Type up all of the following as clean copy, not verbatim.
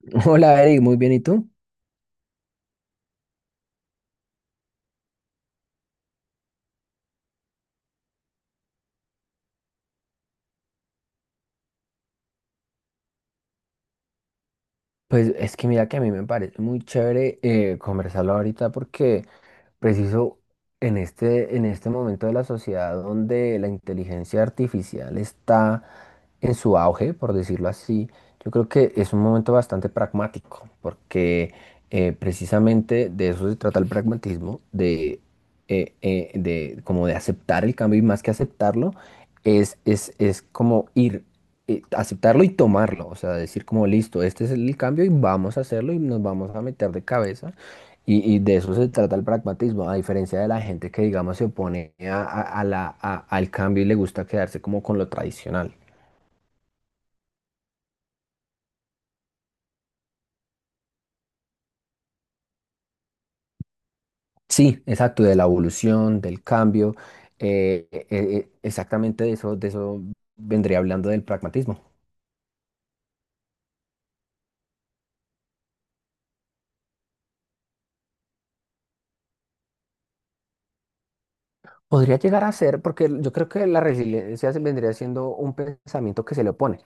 Hola Eric, muy bien, ¿y tú? Pues es que mira que a mí me parece muy chévere conversarlo ahorita porque preciso en este momento de la sociedad donde la inteligencia artificial está en su auge, por decirlo así, yo creo que es un momento bastante pragmático, porque precisamente de eso se trata el pragmatismo, de como de aceptar el cambio y más que aceptarlo, es como ir, aceptarlo y tomarlo, o sea, decir como listo, este es el cambio y vamos a hacerlo y nos vamos a meter de cabeza. Y de eso se trata el pragmatismo, a diferencia de la gente que, digamos, se opone a la, al cambio y le gusta quedarse como con lo tradicional. Sí, exacto, de la evolución, del cambio, exactamente de eso vendría hablando del pragmatismo. Podría llegar a ser, porque yo creo que la resiliencia se vendría siendo un pensamiento que se le opone,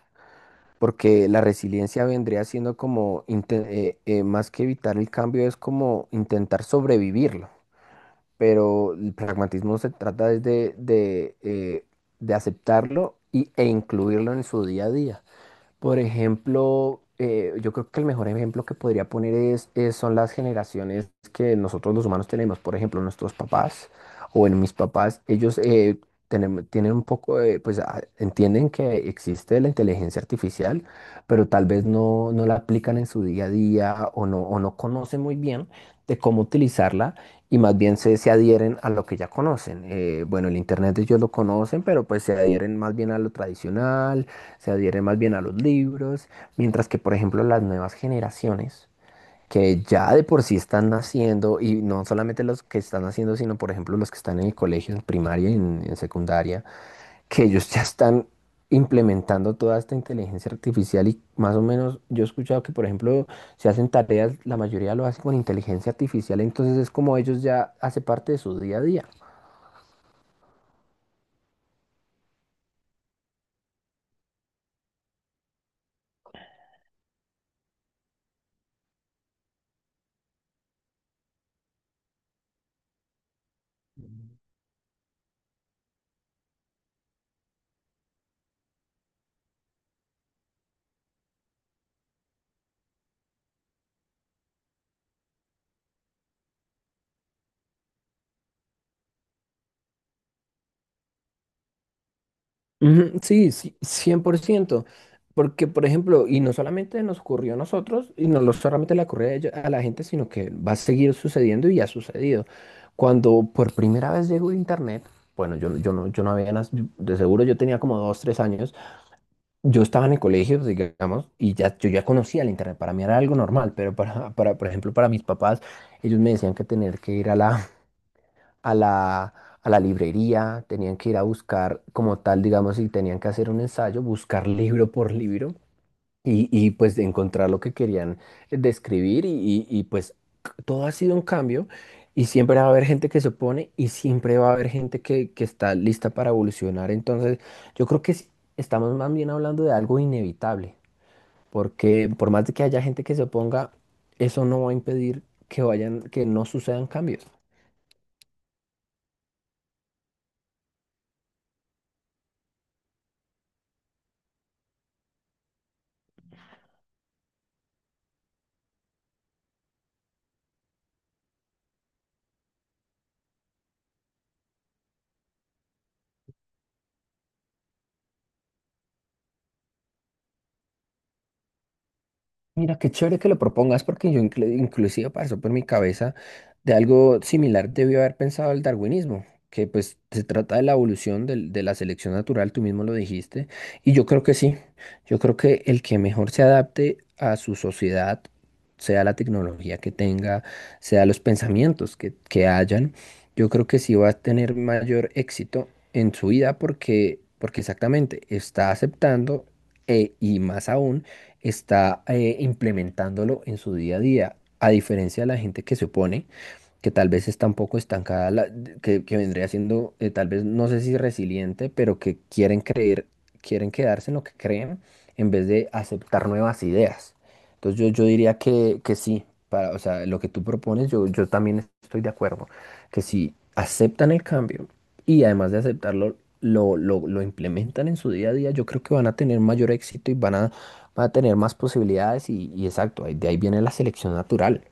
porque la resiliencia vendría siendo como, más que evitar el cambio, es como intentar sobrevivirlo, pero el pragmatismo se trata es de aceptarlo y, e incluirlo en su día a día. Por ejemplo, yo creo que el mejor ejemplo que podría poner son las generaciones que nosotros los humanos tenemos. Por ejemplo, nuestros papás o en mis papás, ellos tienen un poco de, pues a- entienden que existe la inteligencia artificial, pero tal vez no la aplican en su día a día o no conocen muy bien de cómo utilizarla y más bien se adhieren a lo que ya conocen. Bueno, el Internet ellos lo conocen, pero pues se adhieren más bien a lo tradicional, se adhieren más bien a los libros, mientras que, por ejemplo, las nuevas generaciones, que ya de por sí están naciendo, y no solamente los que están naciendo, sino, por ejemplo, los que están en el colegio, en primaria y en secundaria, que ellos ya están implementando toda esta inteligencia artificial y más o menos yo he escuchado que, por ejemplo, si hacen tareas, la mayoría lo hacen con inteligencia artificial, entonces es como ellos ya hace parte de su día a día. Ujú, sí, sí, 100%. Porque, por ejemplo, y no solamente nos ocurrió a nosotros, y no lo- solamente le ocurrió a ello- a la gente, sino que va a seguir sucediendo y ha sucedido. Cuando por primera vez llegó Internet, bueno, yo no había, nas- de seguro yo tenía como dos, tres años, yo estaba en el colegio, digamos, y ya, yo ya conocía el Internet, para mí era algo normal, pero por ejemplo, para mis papás, ellos me decían que tener que ir a a la, la librería, tenían que ir a buscar como tal, digamos, si tenían que hacer un ensayo, buscar libro por libro pues de encontrar lo que querían describir pues c- todo ha sido un cambio y siempre va a haber gente que se opone y siempre va a haber gente que está lista para evolucionar. Entonces, yo creo que sí, estamos más bien hablando de algo inevitable, porque por más de que haya gente que se oponga, eso no va a impedir que vayan, que no sucedan cambios. Mira, qué chévere que lo propongas porque yo inclusive pasó por mi cabeza de algo similar, debió haber pensado el darwinismo, que pues se trata de la evolución del- de la selección natural, tú mismo lo dijiste, y yo creo que sí, yo creo que el que mejor se adapte a su sociedad, sea la tecnología que tenga, sea los pensamientos que hayan, yo creo que sí va a tener mayor éxito en su vida porque, porque exactamente está aceptando. E- y más aún está implementándolo en su día a día, a diferencia de la gente que se opone, que tal vez está un poco estancada, la- de- que vendría siendo tal vez, no sé si resiliente, pero que quieren creer, quieren quedarse en lo que creen en vez de aceptar nuevas ideas. Entonces yo diría que sí, para, o sea, lo que tú propones, yo también estoy de acuerdo, que si aceptan el cambio y además de aceptarlo, lo implementan en su día a día, yo creo que van a tener mayor éxito y van a, van a tener más posibilidades y exacto, ahí- de ahí viene la selección natural.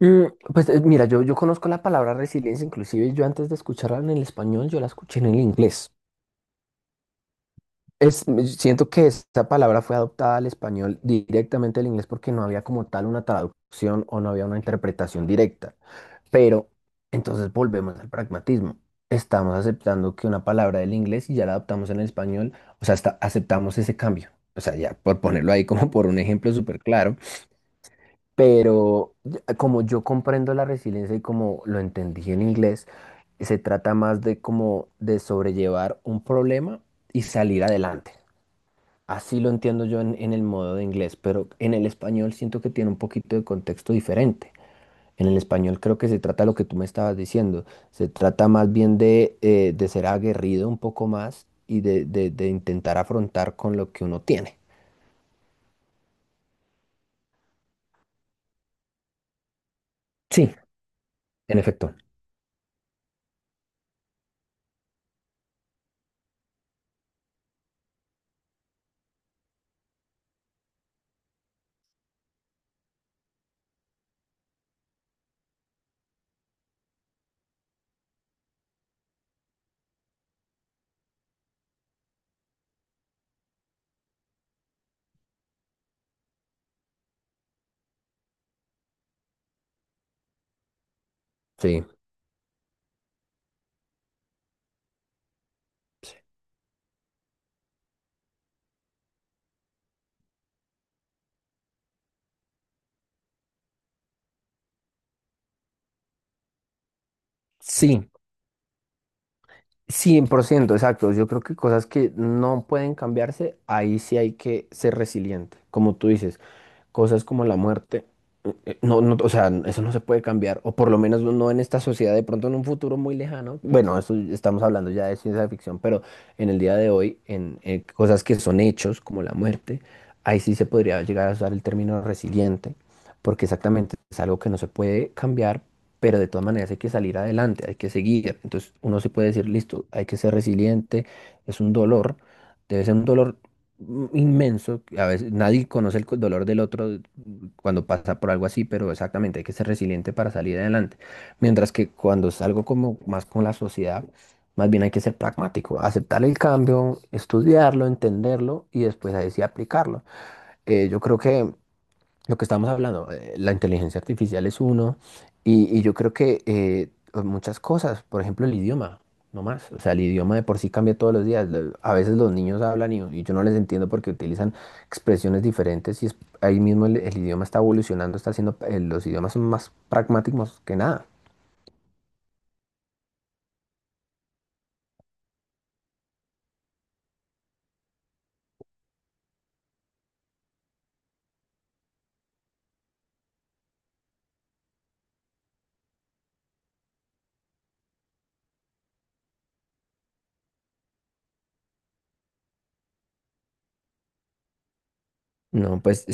Mm, pues mira, yo conozco la palabra resiliencia, inclusive yo antes de escucharla en el español, yo la escuché en el inglés. Es, me- siento que esta palabra fue adoptada al español directamente al inglés porque no había como tal una traducción o no había una interpretación directa. Pero entonces volvemos al pragmatismo. Estamos aceptando que una palabra del inglés y ya la adaptamos en el español, o sea, hasta aceptamos ese cambio. O sea, ya por ponerlo ahí como por un ejemplo súper claro. Pero ya- como yo comprendo la resiliencia y como lo entendí en inglés, se trata más de como de sobrellevar un problema y salir adelante. Así lo entiendo yo en el modo de inglés, pero en el español siento que tiene un poquito de contexto diferente. En el español creo que se trata lo que tú me estabas diciendo. Se trata más bien de ser aguerrido un poco más y de intentar afrontar con lo que uno tiene. Sí, en efecto. Sí. Sí, 100% exacto. Yo creo que cosas que no pueden cambiarse, ahí sí hay que ser resiliente. Como tú dices, cosas como la muerte, no, no, o sea, eso no se puede cambiar, o por lo menos no en esta sociedad, de pronto en un futuro muy lejano. Bueno, eso estamos hablando ya de ciencia ficción, pero en el día de hoy, cosas que son hechos, como la muerte, ahí sí se podría llegar a usar el término resiliente, porque exactamente es algo que no se puede cambiar, pero de todas maneras hay que salir adelante, hay que seguir. Entonces uno se puede decir, listo, hay que ser resiliente, es un dolor, debe ser un dolor inmenso, que a veces nadie conoce el co- dolor del otro cuando pasa por algo así, pero exactamente, hay que ser resiliente para salir adelante. Mientras que cuando es algo como más con la sociedad, más bien hay que ser pragmático, aceptar el cambio, estudiarlo, entenderlo y después ahí sí aplicarlo. Yo creo que lo que estamos hablando, la inteligencia artificial es uno, y yo creo que muchas cosas, por ejemplo, el idioma, no más. O sea, el idioma de por sí cambia todos los días. Lo- A veces los niños hablan y yo no les entiendo porque utilizan expresiones diferentes y es- ahí mismo el idioma está evolucionando, está haciendo, los idiomas son más pragmáticos que nada. No, pues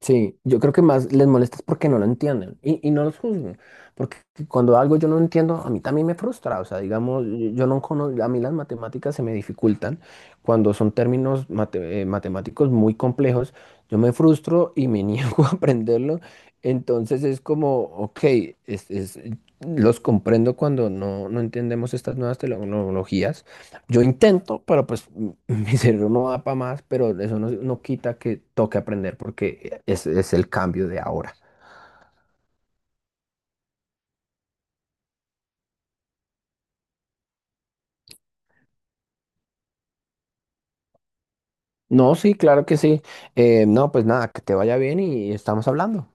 sí, yo creo que más les molesta es porque no lo entienden y no los juzguen. Porque cuando algo yo no entiendo, a mí también me frustra. O sea, digamos, yo no conozco, a mí las matemáticas se me dificultan cuando son términos matemáticos muy complejos. Yo me frustro y me niego a aprenderlo. Entonces es como, ok, es, es- los comprendo cuando no, no entendemos estas nuevas tecnologías, yo intento, pero pues m- mi cerebro no da para más, pero eso no, no quita que toque aprender porque es el cambio de ahora. No, sí, claro que sí. No, pues nada, que te vaya bien y estamos hablando.